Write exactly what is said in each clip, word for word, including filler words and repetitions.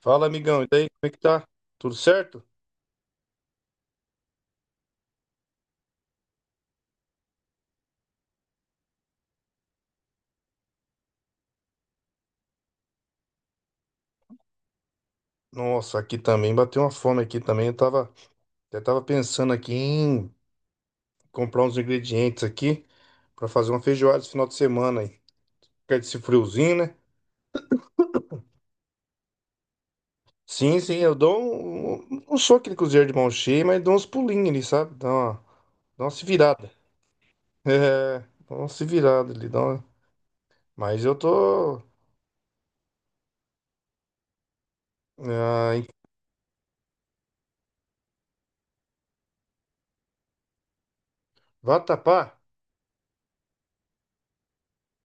Fala, amigão, e daí, como é que tá? Tudo certo? Nossa, aqui também bateu uma fome aqui também. Eu tava, eu tava pensando aqui em comprar uns ingredientes aqui pra fazer uma feijoada esse final de semana aí. Quer desse friozinho, né? Sim, sim, eu dou um, não sou aquele cozinheiro de mão cheia, mas dou uns pulinhos ali, sabe? Dá uma, dá uma se virada. É, dá uma se virada ali, dá uma... Mas eu tô, ah, em vatapá.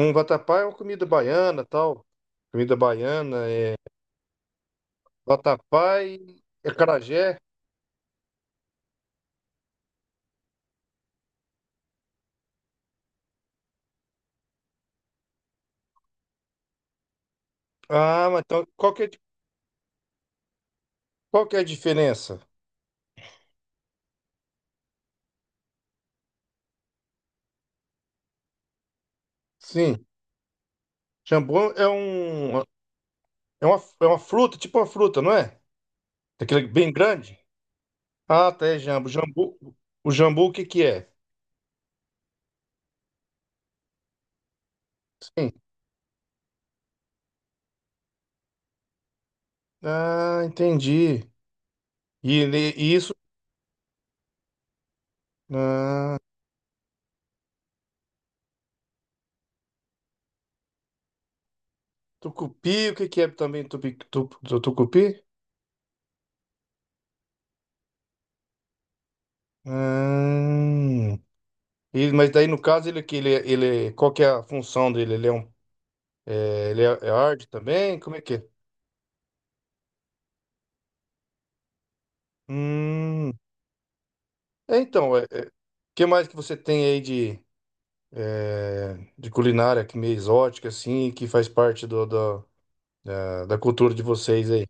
Um vatapá é uma comida baiana, tal. Comida baiana, é, vatapá e acarajé. Ah, mas então qual que é, qual que é, a diferença? Sim, jambu é um é uma, é uma fruta, tipo uma fruta, não é? Aquele bem grande. Ah, tá, é jambu. Jambu, o jambu o que que é? Sim. Ah, entendi. E, ele- e isso, ah, tucupi, o que que é também tupi, tu, tu- tucupi? Ah, e- mas daí no caso ele é que ele, é, ele é, qual que é a função dele? Ele é um é, ele é, é arte também? Como é que é? Hum. É, então, o que mais que você tem aí de, é, de culinária que meio exótica, assim, que faz parte do, do- da, da cultura de vocês aí?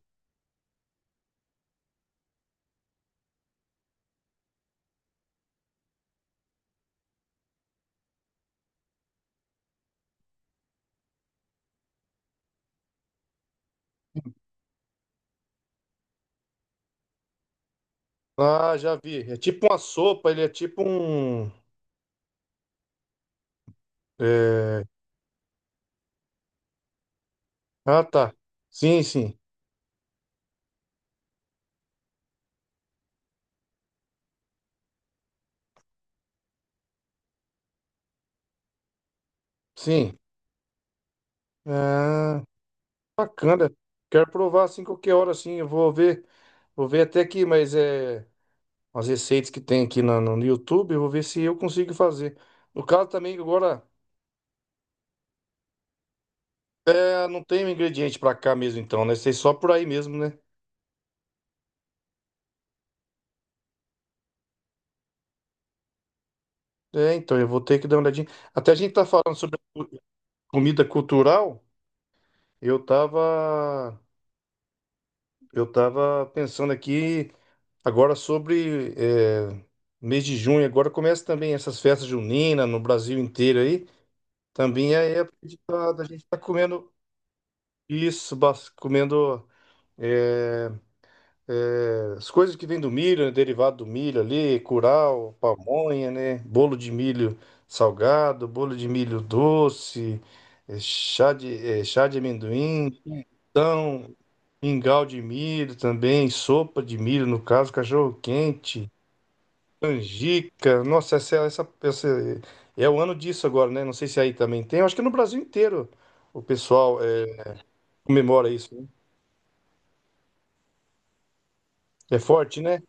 Ah, já vi. É tipo uma sopa, ele é tipo um. é, Ah, tá. Sim, sim, sim. Ah, bacana. Quero provar assim qualquer hora, assim. Eu vou ver, vou ver até aqui, mas é as receitas que tem aqui na- no, no YouTube, eu vou ver se eu consigo fazer. No caso também agora. É, não tem um ingrediente pra cá mesmo, então, né? Sei só por aí mesmo, né? É, então, eu vou ter que dar uma olhadinha. Até a gente tá falando sobre cu- comida cultural, eu tava, eu tava pensando aqui agora sobre é, mês de junho, agora começa também essas festas juninas no Brasil inteiro aí. Também é época de tá- da gente tá comendo isso, bas- comendo. é, É, As coisas que vêm do milho, né, derivado do milho ali, curau, pamonha, né? Bolo de milho salgado, bolo de milho doce, eh, chá de, eh, chá de amendoim, então, mingau de milho também, sopa de milho, no caso, cachorro quente, canjica. Nossa, essa, é, essa, essa é é o ano disso agora, né? Não sei se aí também tem. Eu acho que no Brasil inteiro o pessoal eh, comemora isso, né? É forte, né?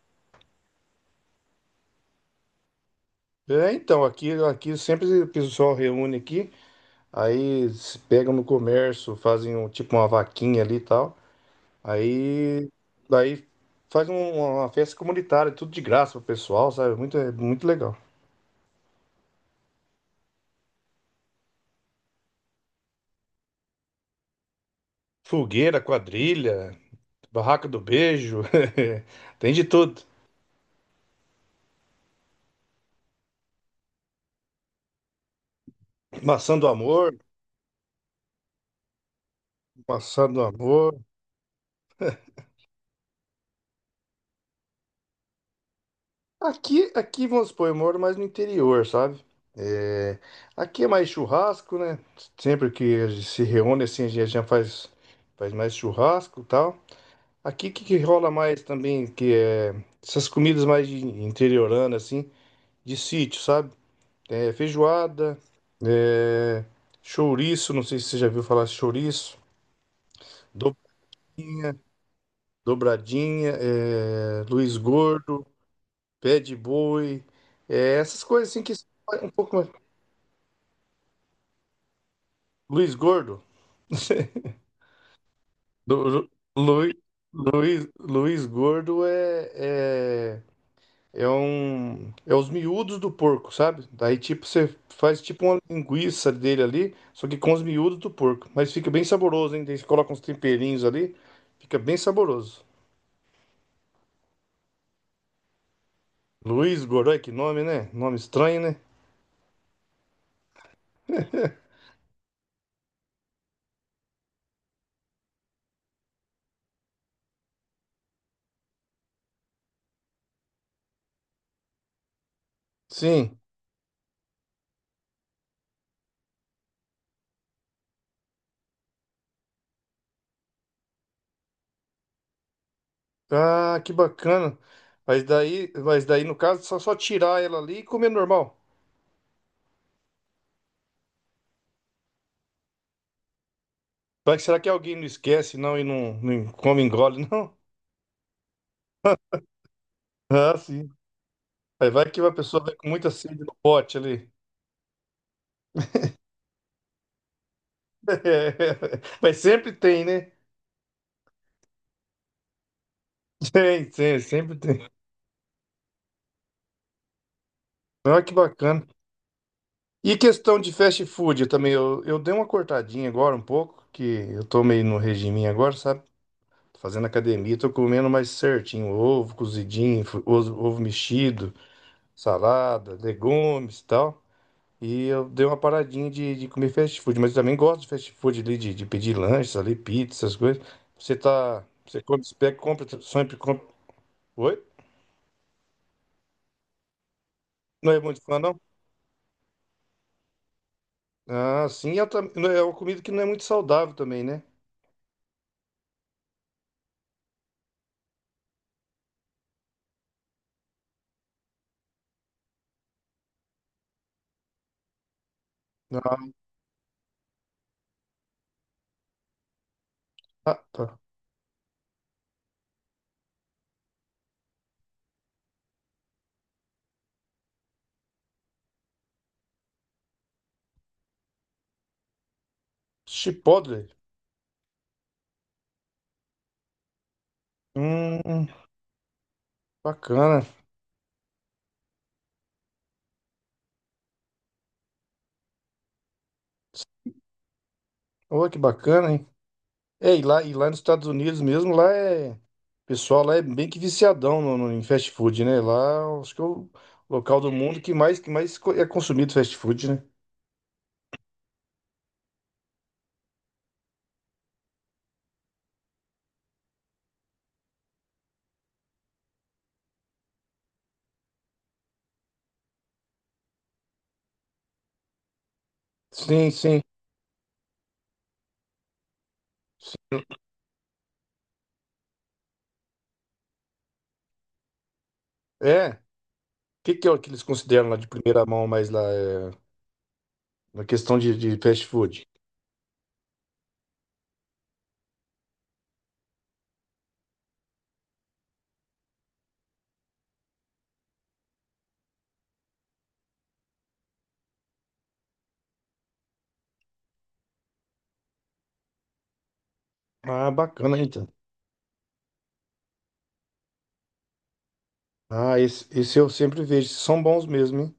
É, então, aqui, aqui sempre o pessoal reúne aqui. Aí se pegam no comércio, fazem um, tipo uma vaquinha ali e tal. Aí daí faz um- uma festa comunitária, tudo de graça pro pessoal, sabe? Muito, é muito legal. Fogueira, quadrilha, barraca do beijo, tem de tudo. Maçã do amor, maçã do amor. Aqui, aqui vamos supor, eu moro mais no interior, sabe? É, aqui é mais churrasco, né? Sempre que a gente se reúne assim, a gente já faz, faz mais churrasco e tal. Aqui o que, que rola mais também, que é essas comidas mais de interiorana, assim, de sítio, sabe? É, feijoada, é, chouriço, não sei se você já viu falar chouriço, do- dobradinha, é, Luiz Gordo, pé de boi, é, essas coisas assim que são um pouco mais. Luiz Gordo, Lu- Lu- Luiz, Luiz, Gordo é, é É um. É os miúdos do porco, sabe? Daí, tipo, você faz tipo uma linguiça dele ali, só que com os miúdos do porco. Mas fica bem saboroso, hein? Daí você coloca uns temperinhos ali, fica bem saboroso. Luiz Godoy, que nome, né? Nome estranho, né? Sim. Ah, que bacana. Mas daí, mas daí no caso, só, só tirar ela ali e comer normal. Vai que será que alguém não esquece, não, e não, não come, engole, não? Ah, sim. Aí vai que a pessoa vai com muita sede no pote ali. Mas sempre tem, né? Tem, tem, sempre tem. Olha que bacana. E questão de fast food, eu também, eu, eu dei uma cortadinha agora um pouco, que eu tô meio no regime agora, sabe? Tô fazendo academia, tô comendo mais certinho, ovo cozidinho, fu- ovo, ovo mexido, salada, legumes e tal. E eu dei uma paradinha de, de comer fast food, mas eu também gosto de fast food ali, de, de pedir lanches ali, pizza, essas coisas. Você tá, você come, você pega, compra, sempre compra. Oi? Não é muito fã, não? Ah, sim, e ela tam- não, é uma comida que não é muito saudável também, né? Ah, tá. Chipotle. Hum, bacana. Olha que bacana, hein? É, e lá, e lá nos Estados Unidos mesmo, lá é. O pessoal lá é bem que viciadão no, no- em fast food, né? Lá acho que é o local do mundo que mais, que mais co- é consumido fast food, né? Sim, sim. É. O que, que é o que eles consideram lá de primeira mão mais lá? É, na questão de, de fast food? Ah, bacana, então. Ah, esse, esse eu sempre vejo. São bons mesmo, hein?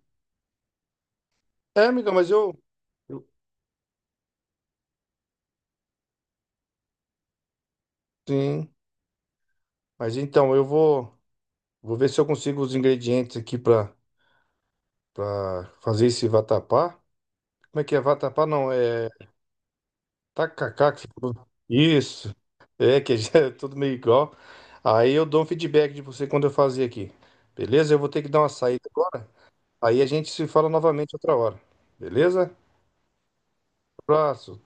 É, amiga, mas eu, eu- Sim. Mas então, eu vou, vou ver se eu consigo os ingredientes aqui pra para fazer esse vatapá. Como é que é vatapá? Não, é tacacá que você falou. Isso. É, que já é tudo meio igual. Aí eu dou um feedback de você quando eu fazer aqui. Beleza? Eu vou ter que dar uma saída agora. Aí a gente se fala novamente outra hora. Beleza? Abraço.